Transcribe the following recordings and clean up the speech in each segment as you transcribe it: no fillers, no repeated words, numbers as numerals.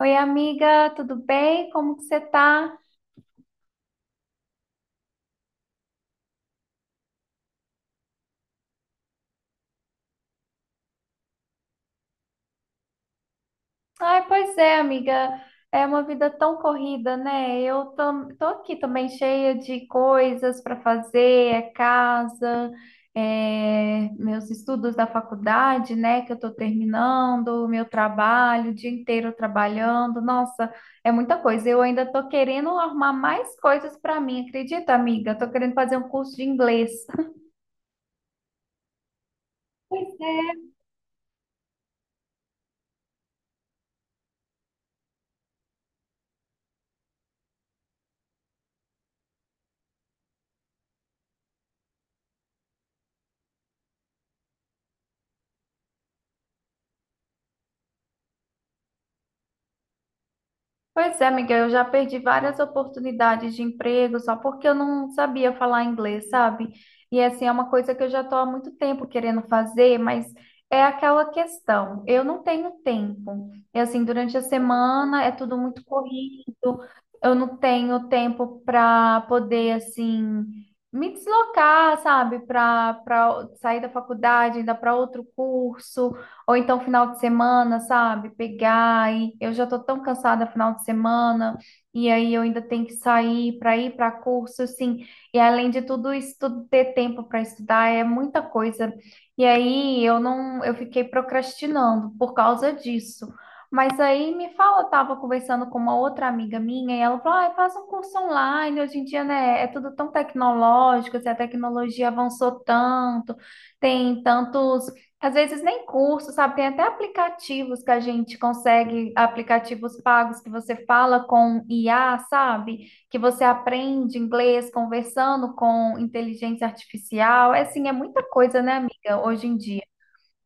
Oi, amiga, tudo bem? Como que você tá? Ai, pois é, amiga, é uma vida tão corrida, né? Eu tô aqui também cheia de coisas para fazer, é casa, é meus estudos da faculdade, né, que eu tô terminando, o meu trabalho, o dia inteiro trabalhando. Nossa, é muita coisa. Eu ainda tô querendo arrumar mais coisas para mim, acredita, amiga? Tô querendo fazer um curso de inglês. Pois é. Pois é, Miguel, eu já perdi várias oportunidades de emprego só porque eu não sabia falar inglês, sabe? E assim, é uma coisa que eu já estou há muito tempo querendo fazer, mas é aquela questão, eu não tenho tempo. E assim, durante a semana é tudo muito corrido, eu não tenho tempo para poder, assim, me deslocar, sabe? Para sair da faculdade, ainda para outro curso. Ou então final de semana, sabe? Pegar e eu já tô tão cansada final de semana, e aí eu ainda tenho que sair para ir para curso, assim. E além de tudo isso, tudo ter tempo para estudar é muita coisa. E aí eu não, eu fiquei procrastinando por causa disso. Mas aí me fala, eu tava conversando com uma outra amiga minha e ela falou: ah, faz um curso online, hoje em dia, né, é tudo tão tecnológico, assim, a tecnologia avançou tanto, tem tantos às vezes nem curso, sabe? Tem até aplicativos que a gente consegue, aplicativos pagos que você fala com IA, sabe? Que você aprende inglês conversando com inteligência artificial. É assim, é muita coisa, né, amiga, hoje em dia.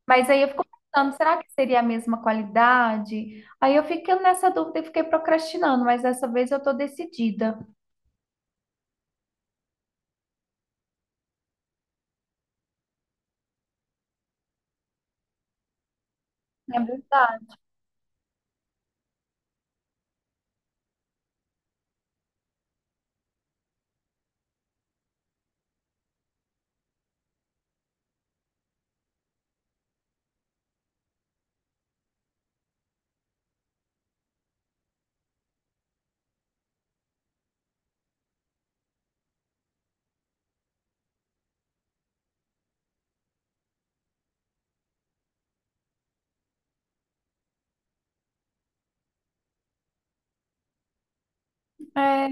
Mas aí eu fico pensando, será que seria a mesma qualidade? Aí eu fiquei nessa dúvida e fiquei procrastinando, mas dessa vez eu tô decidida. É verdade. É,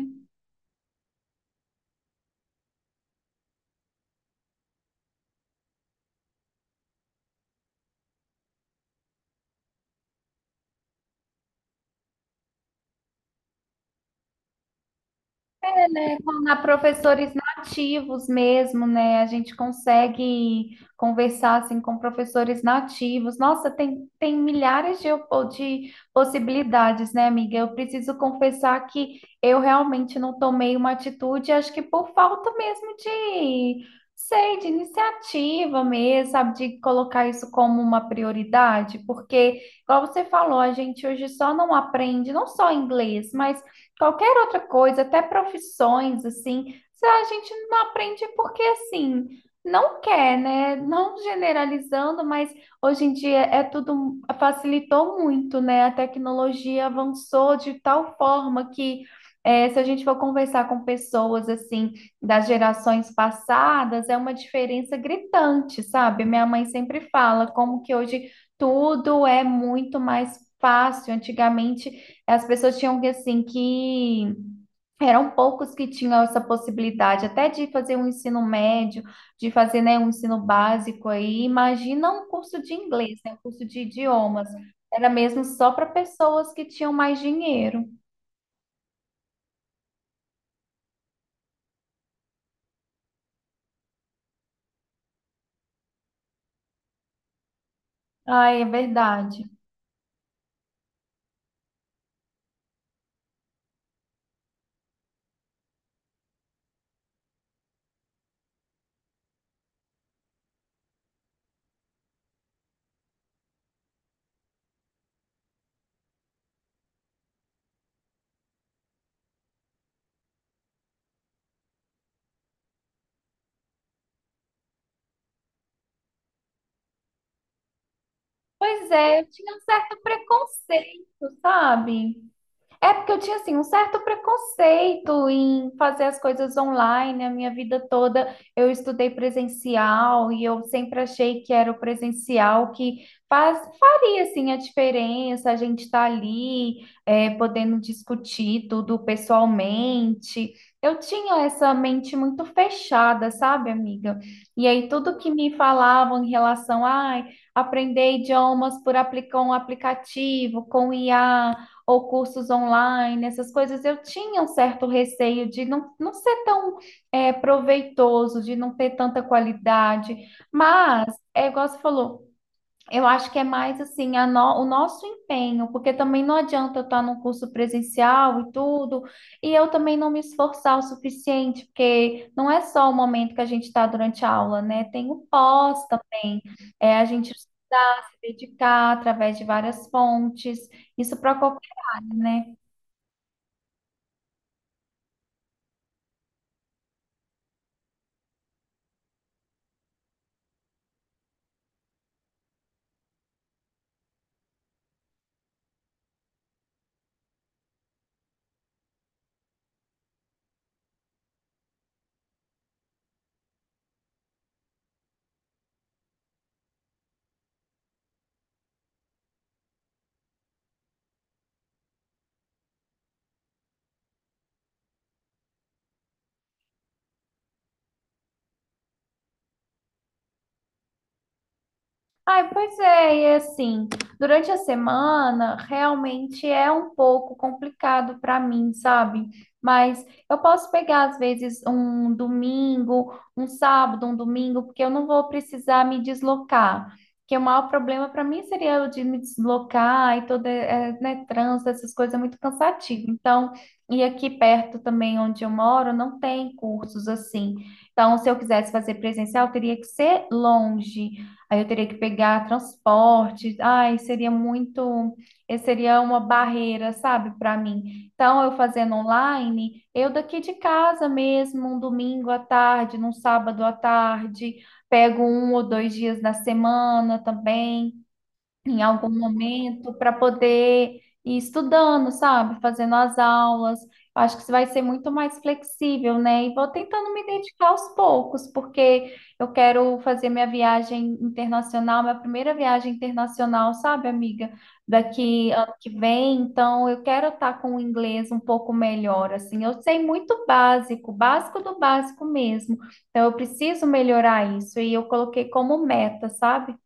é, né, formar professores nativos mesmo, né? A gente consegue conversar assim com professores nativos. Nossa, tem milhares de, de possibilidades, né, amiga? Eu preciso confessar que eu realmente não tomei uma atitude, acho que por falta mesmo de, sei, de iniciativa mesmo, sabe? De colocar isso como uma prioridade, porque, igual você falou, a gente hoje só não aprende, não só inglês, mas qualquer outra coisa, até profissões, assim, a gente não aprende é porque, assim, não quer, né? Não generalizando, mas hoje em dia é tudo, facilitou muito, né? A tecnologia avançou de tal forma que, se a gente for conversar com pessoas, assim, das gerações passadas, é uma diferença gritante, sabe? Minha mãe sempre fala como que hoje tudo é muito mais fácil. Antigamente, as pessoas tinham que, assim, que eram poucos que tinham essa possibilidade, até de fazer um ensino médio, de fazer, né, um ensino básico aí. Imagina um curso de inglês, né, um curso de idiomas. Era mesmo só para pessoas que tinham mais dinheiro. Ai, é verdade. Pois é, eu tinha um certo preconceito, sabe? É porque eu tinha assim um certo preconceito em fazer as coisas online, a minha vida toda eu estudei presencial e eu sempre achei que era o presencial que faria assim a diferença, a gente tá ali é, podendo discutir tudo pessoalmente. Eu tinha essa mente muito fechada, sabe, amiga? E aí tudo que me falavam em relação a aprender idiomas por aplicar um aplicativo com IA ou cursos online, essas coisas, eu tinha um certo receio de não ser tão é, proveitoso, de não ter tanta qualidade, mas é igual você falou. Eu acho que é mais assim a no- o nosso empenho, porque também não adianta eu estar num curso presencial e tudo, e eu também não me esforçar o suficiente, porque não é só o momento que a gente está durante a aula, né? Tem o pós também, é a gente se dedicar através de várias fontes, isso para qualquer área, né? Ai, pois é, e assim, durante a semana realmente é um pouco complicado para mim, sabe? Mas eu posso pegar às vezes um domingo, um sábado, um domingo, porque eu não vou precisar me deslocar. Porque o maior problema para mim seria o de me deslocar e toda, é, né, trânsito, essas coisas é muito cansativo. Então, e aqui perto também onde eu moro, não tem cursos assim. Então, se eu quisesse fazer presencial, teria que ser longe. Aí eu teria que pegar transporte. Ai, seria muito, seria uma barreira, sabe, para mim. Então, eu fazendo online, eu daqui de casa mesmo, um domingo à tarde, num sábado à tarde, pego um ou dois dias na semana também em algum momento para poder ir estudando, sabe? Fazendo as aulas. Eu Acho que isso vai ser muito mais flexível, né? E vou tentando me dedicar aos poucos, porque eu quero fazer minha viagem internacional, minha primeira viagem internacional, sabe, amiga? Daqui ano que vem, então eu quero estar com o inglês um pouco melhor, assim. Eu sei muito básico, básico do básico mesmo. Então eu preciso melhorar isso e eu coloquei como meta, sabe?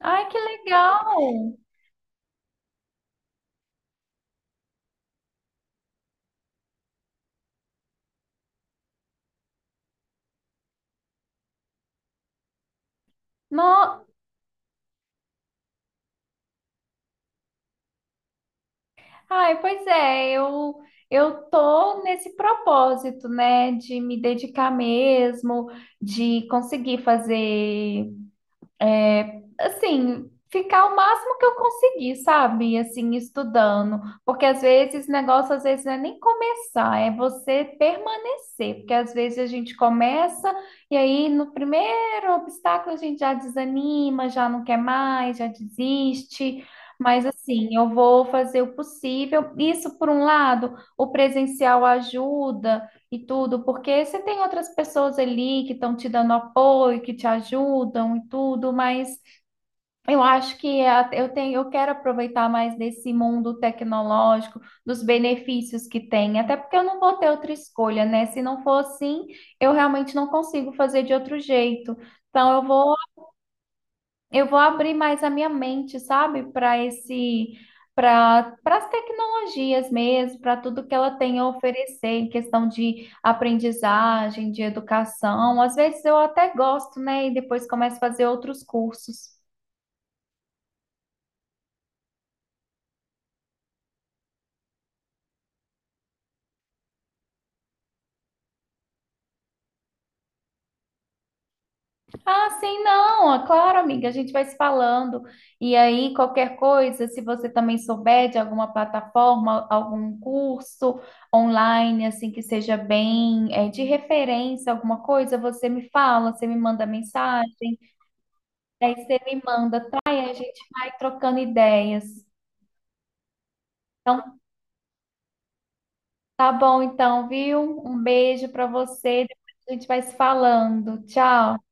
Ai, que legal! No... Ai, pois é, eu tô nesse propósito, né, de me dedicar mesmo, de conseguir fazer é, assim, ficar o máximo que eu conseguir, sabe? Assim, estudando. Porque às vezes, negócio às vezes não é nem começar, é você permanecer. Porque às vezes a gente começa e aí no primeiro obstáculo a gente já desanima, já não quer mais, já desiste. Mas assim, eu vou fazer o possível. Isso, por um lado, o presencial ajuda e tudo, porque você tem outras pessoas ali que estão te dando apoio, que te ajudam e tudo, mas eu acho que é eu tenho, eu quero aproveitar mais desse mundo tecnológico, dos benefícios que tem, até porque eu não vou ter outra escolha, né? Se não for assim, eu realmente não consigo fazer de outro jeito. Então eu vou abrir mais a minha mente, sabe, para esse, para as tecnologias mesmo, para tudo que ela tem a oferecer em questão de aprendizagem, de educação. Às vezes eu até gosto, né? E depois começo a fazer outros cursos. Ah, sim, não, é claro, amiga, a gente vai se falando. E aí, qualquer coisa, se você também souber de alguma plataforma, algum curso online, assim, que seja bem, é, de referência, alguma coisa, você me fala, você me manda mensagem, aí você me manda, até a gente vai trocando ideias. Então, tá bom, então, viu? Um beijo para você, depois a gente vai se falando. Tchau.